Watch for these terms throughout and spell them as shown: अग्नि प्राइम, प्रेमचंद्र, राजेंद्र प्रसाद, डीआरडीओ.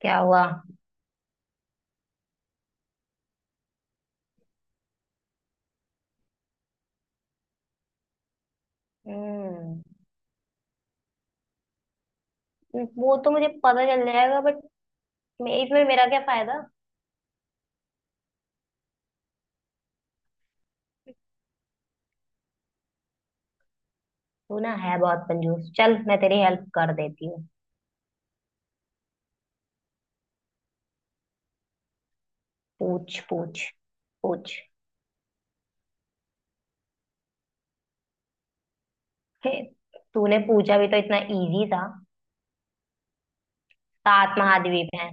क्या हुआ। हम्म। वो तो मुझे पता चल जाएगा बट मैं इसमें, मेरा क्या फायदा। तू ना है बहुत कंजूस। चल मैं तेरी हेल्प कर देती हूँ। पूछ पूछ पूछ। हे, तूने पूछा भी तो इतना इजी था। सात महाद्वीप हैं।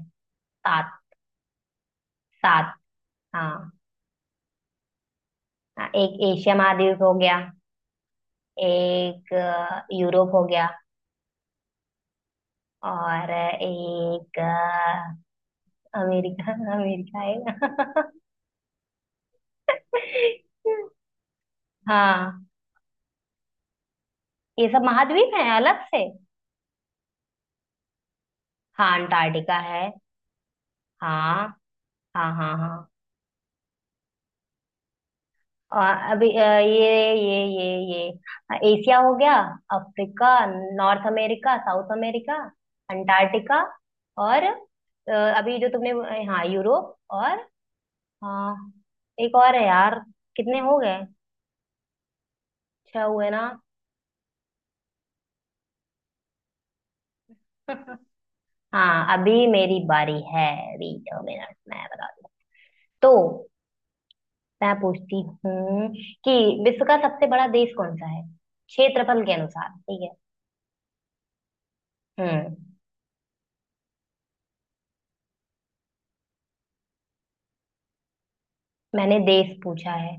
सात। सात। हाँ। हाँ, एक एशिया महाद्वीप हो गया। एक यूरोप हो गया। और एक अमेरिका अमेरिका है। हाँ, ये सब महाद्वीप हैं अलग से। हाँ, अंटार्कटिका है। हाँ हाँ हाँ। हाँ। और अभी ये एशिया हो गया। Africa. North America, south America, Antarctica. और अभी जो तुमने हाँ यूरोप। और हाँ, एक और है यार। कितने हो गए। छह हुए ना। हाँ अभी मेरी बारी है। अभी 2 मिनट मैं बता दूँ। तो मैं पूछती हूँ कि विश्व का सबसे बड़ा देश कौन सा है, क्षेत्रफल के अनुसार। ठीक है। हम्म। मैंने देश पूछा है,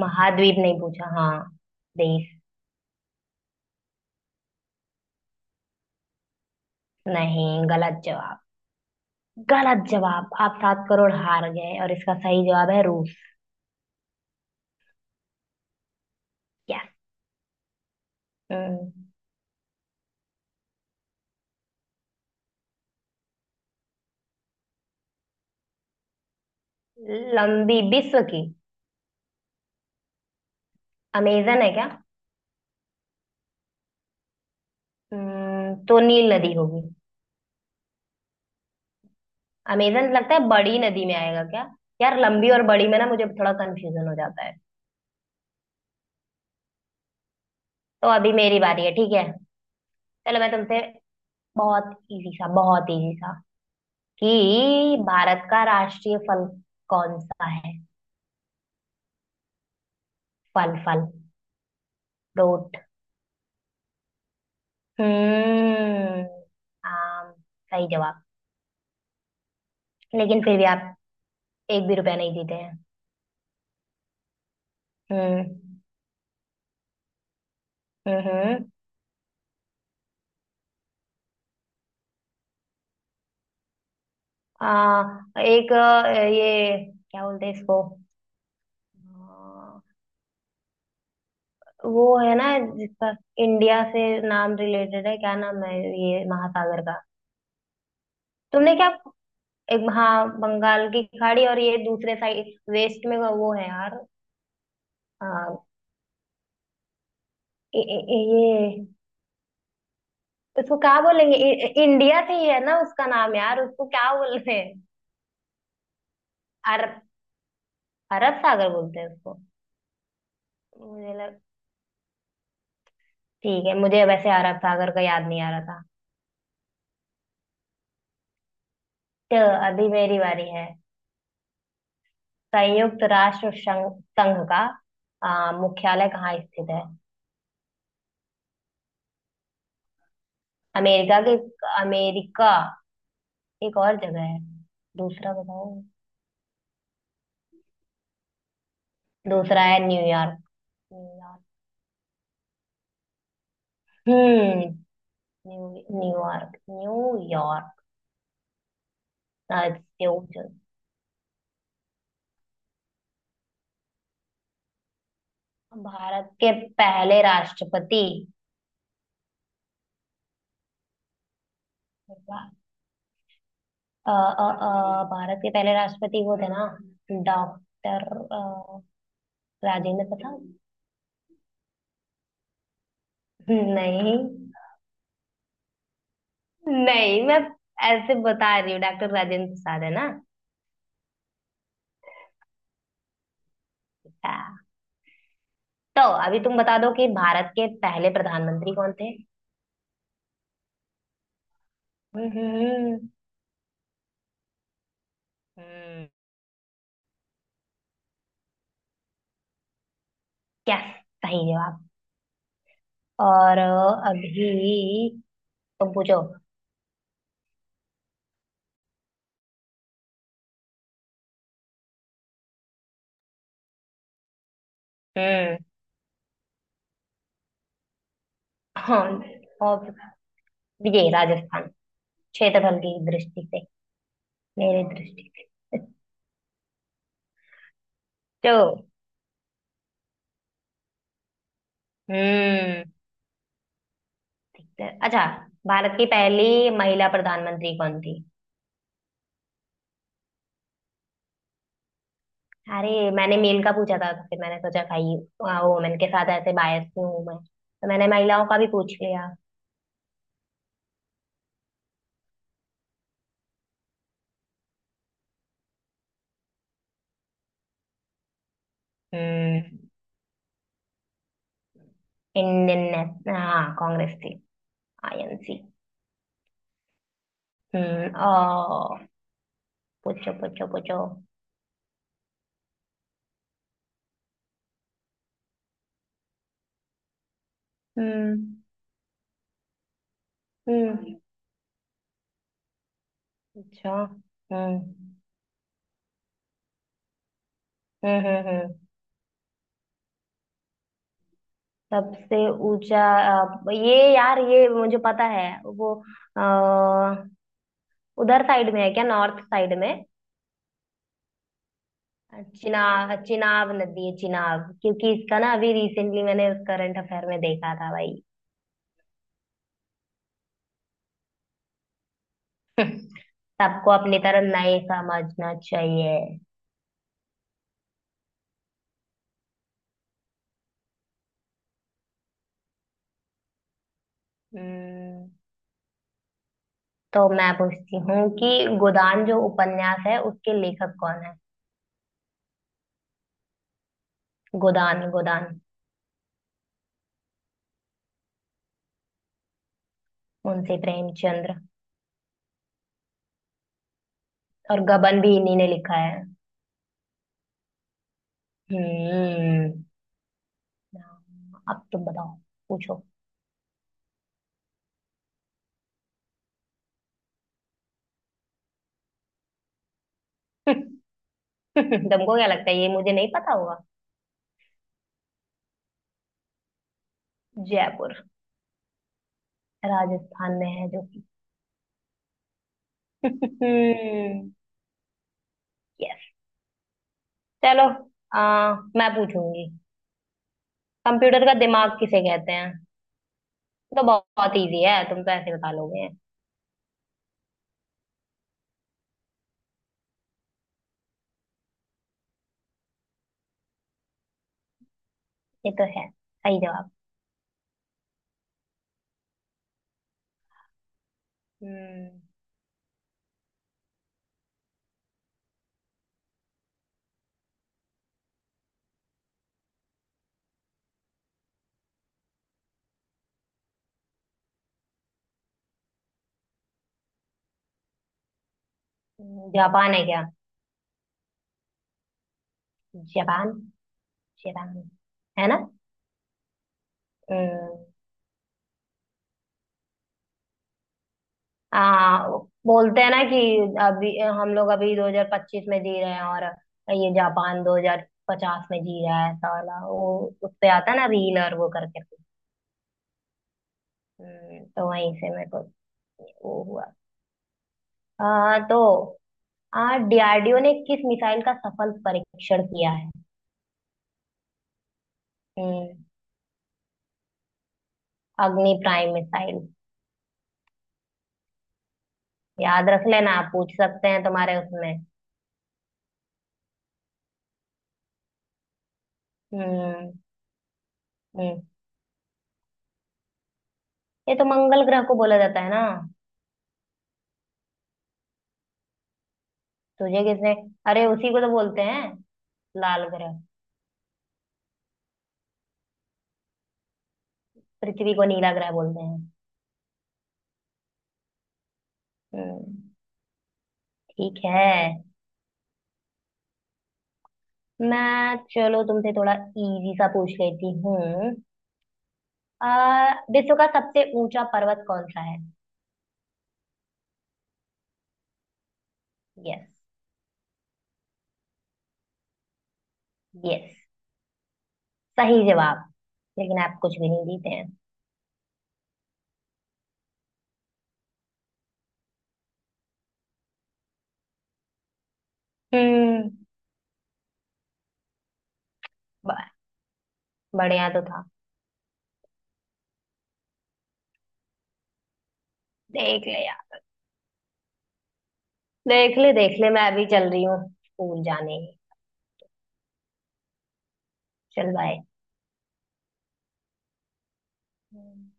महाद्वीप नहीं पूछा। हाँ, देश। नहीं, गलत जवाब। गलत जवाब। आप 7 करोड़ हार गए और इसका सही जवाब है रूस। क्या। हम्म, लंबी विश्व की। अमेजन है क्या। तो नील नदी होगी। अमेजन लगता है बड़ी नदी में आएगा क्या। यार लंबी और बड़ी में ना मुझे थोड़ा कंफ्यूजन हो जाता है। तो अभी मेरी बारी है। ठीक है। चलो मैं तुमसे बहुत इजी सा, बहुत इजी सा, कि भारत का राष्ट्रीय फल कौन सा है। फल फल। फ्रूट। हम्म। आम। सही जवाब। लेकिन फिर भी आप एक भी रुपया नहीं जीते हैं। हम्म। हम्म। आ, एक ये क्या बोलते हैं इसको। अ, वो है ना, जिसका इंडिया से नाम रिलेटेड है। क्या नाम है ये महासागर का। तुमने क्या। एक हाँ, बंगाल की खाड़ी। और ये दूसरे साइड वेस्ट में वो है यार। अ, ए, ए, ए- ये उसको क्या बोलेंगे। इंडिया से ही है ना उसका नाम यार। उसको क्या बोलते हैं। अरब। अरब सागर बोलते हैं उसको। मुझे लग, ठीक है, मुझे वैसे अरब सागर का याद नहीं आ रहा था। तो अभी मेरी बारी है। संयुक्त राष्ट्र संघ, संघ का मुख्यालय कहाँ स्थित है। अमेरिका के, अमेरिका। एक और जगह है, दूसरा बताओ। दूसरा है न्यूयॉर्क। न्यूयॉर्क। हम्म। New New York. न्यूयॉर्क। भारत के पहले राष्ट्रपति। अ, भारत के पहले राष्ट्रपति वो थे ना, डॉक्टर राजेंद्र प्रसाद। नहीं। नहीं मैं ऐसे बता रही हूँ, डॉक्टर राजेंद्र प्रसाद है ना। अच्छा। तो अभी तुम बता दो कि भारत के पहले प्रधानमंत्री कौन थे। हम्म। हम्म। क्या, सही जवाब। और अभी तुम पूछो। हम्म। हाँ। और ये राजस्थान, क्षेत्रफल की दृष्टि से, मेरी दृष्टि से। तो, हम्म, ठीक है। अच्छा, भारत की पहली महिला प्रधानमंत्री कौन थी। अरे मैंने मेल का पूछा था तो फिर मैंने सोचा भाई, वुमेन के साथ ऐसे बायस क्यों हूं मैं, तो मैंने महिलाओं का भी पूछ लिया। हम्म। इंडियन नेशनल, हाँ कांग्रेस थी। आईएनसी। ओ, पूछो पूछो पूछो। हम्म। हम्म। अच्छा। हम्म। हम्म। हम्म। सबसे ऊंचा ये यार ये मुझे पता है वो। अ, उधर साइड में है क्या, नॉर्थ साइड में। चिनाब चिनाब नदी है, चिनाब, क्योंकि इसका ना अभी रिसेंटली मैंने करंट अफेयर में देखा था भाई। सबको अपनी तरह नहीं समझना चाहिए। हम्म, तो मैं पूछती हूँ कि गोदान जो उपन्यास है उसके लेखक कौन है। गोदान गोदान। मुंशी प्रेमचंद्र। और गबन भी इन्हीं ने लिखा है। हम्म। हाँ, अब तुम बताओ, पूछो। तुमको क्या लगता है ये मुझे नहीं पता होगा। जयपुर, राजस्थान में है जो कि यस। चलो मैं पूछूंगी। कंप्यूटर का दिमाग किसे कहते हैं। ये तो बहुत इजी है, तुम तो ऐसे बता लोगे। ये तो है सही जवाब। हम्म, जापान है क्या। जापान। जापान। है ना। हम्म, आ, बोलते हैं ना कि अभी हम लोग अभी 2025 में जी रहे हैं, और ये जापान 2050 में जी रहा है साला वो। उस पे आता है ना रीलर वो करके। तो वहीं से मेरे को वो हुआ। आ, तो आ डीआरडीओ ने किस मिसाइल का सफल परीक्षण किया है। हम्म, अग्नि प्राइम मिसाइल। याद रख लेना आप पूछ सकते हैं तुम्हारे उसमें। हम्म। हम्म। ये तो मंगल ग्रह को बोला जाता है ना। तुझे किसने। अरे उसी को तो बोलते हैं लाल ग्रह। पृथ्वी को नीला ग्रह बोलते हैं। हम्म, ठीक है। मैं चलो तुमसे थोड़ा इजी सा पूछ लेती हूँ। विश्व का सबसे ऊंचा पर्वत कौन सा है। यस। यस, सही जवाब, लेकिन आप कुछ भी नहीं जीते हैं। हम्म। ब- बढ़िया तो था। देख ले यार। देख ले देख ले, मैं अभी चल रही हूँ स्कूल जाने। चल बाय। हम्म।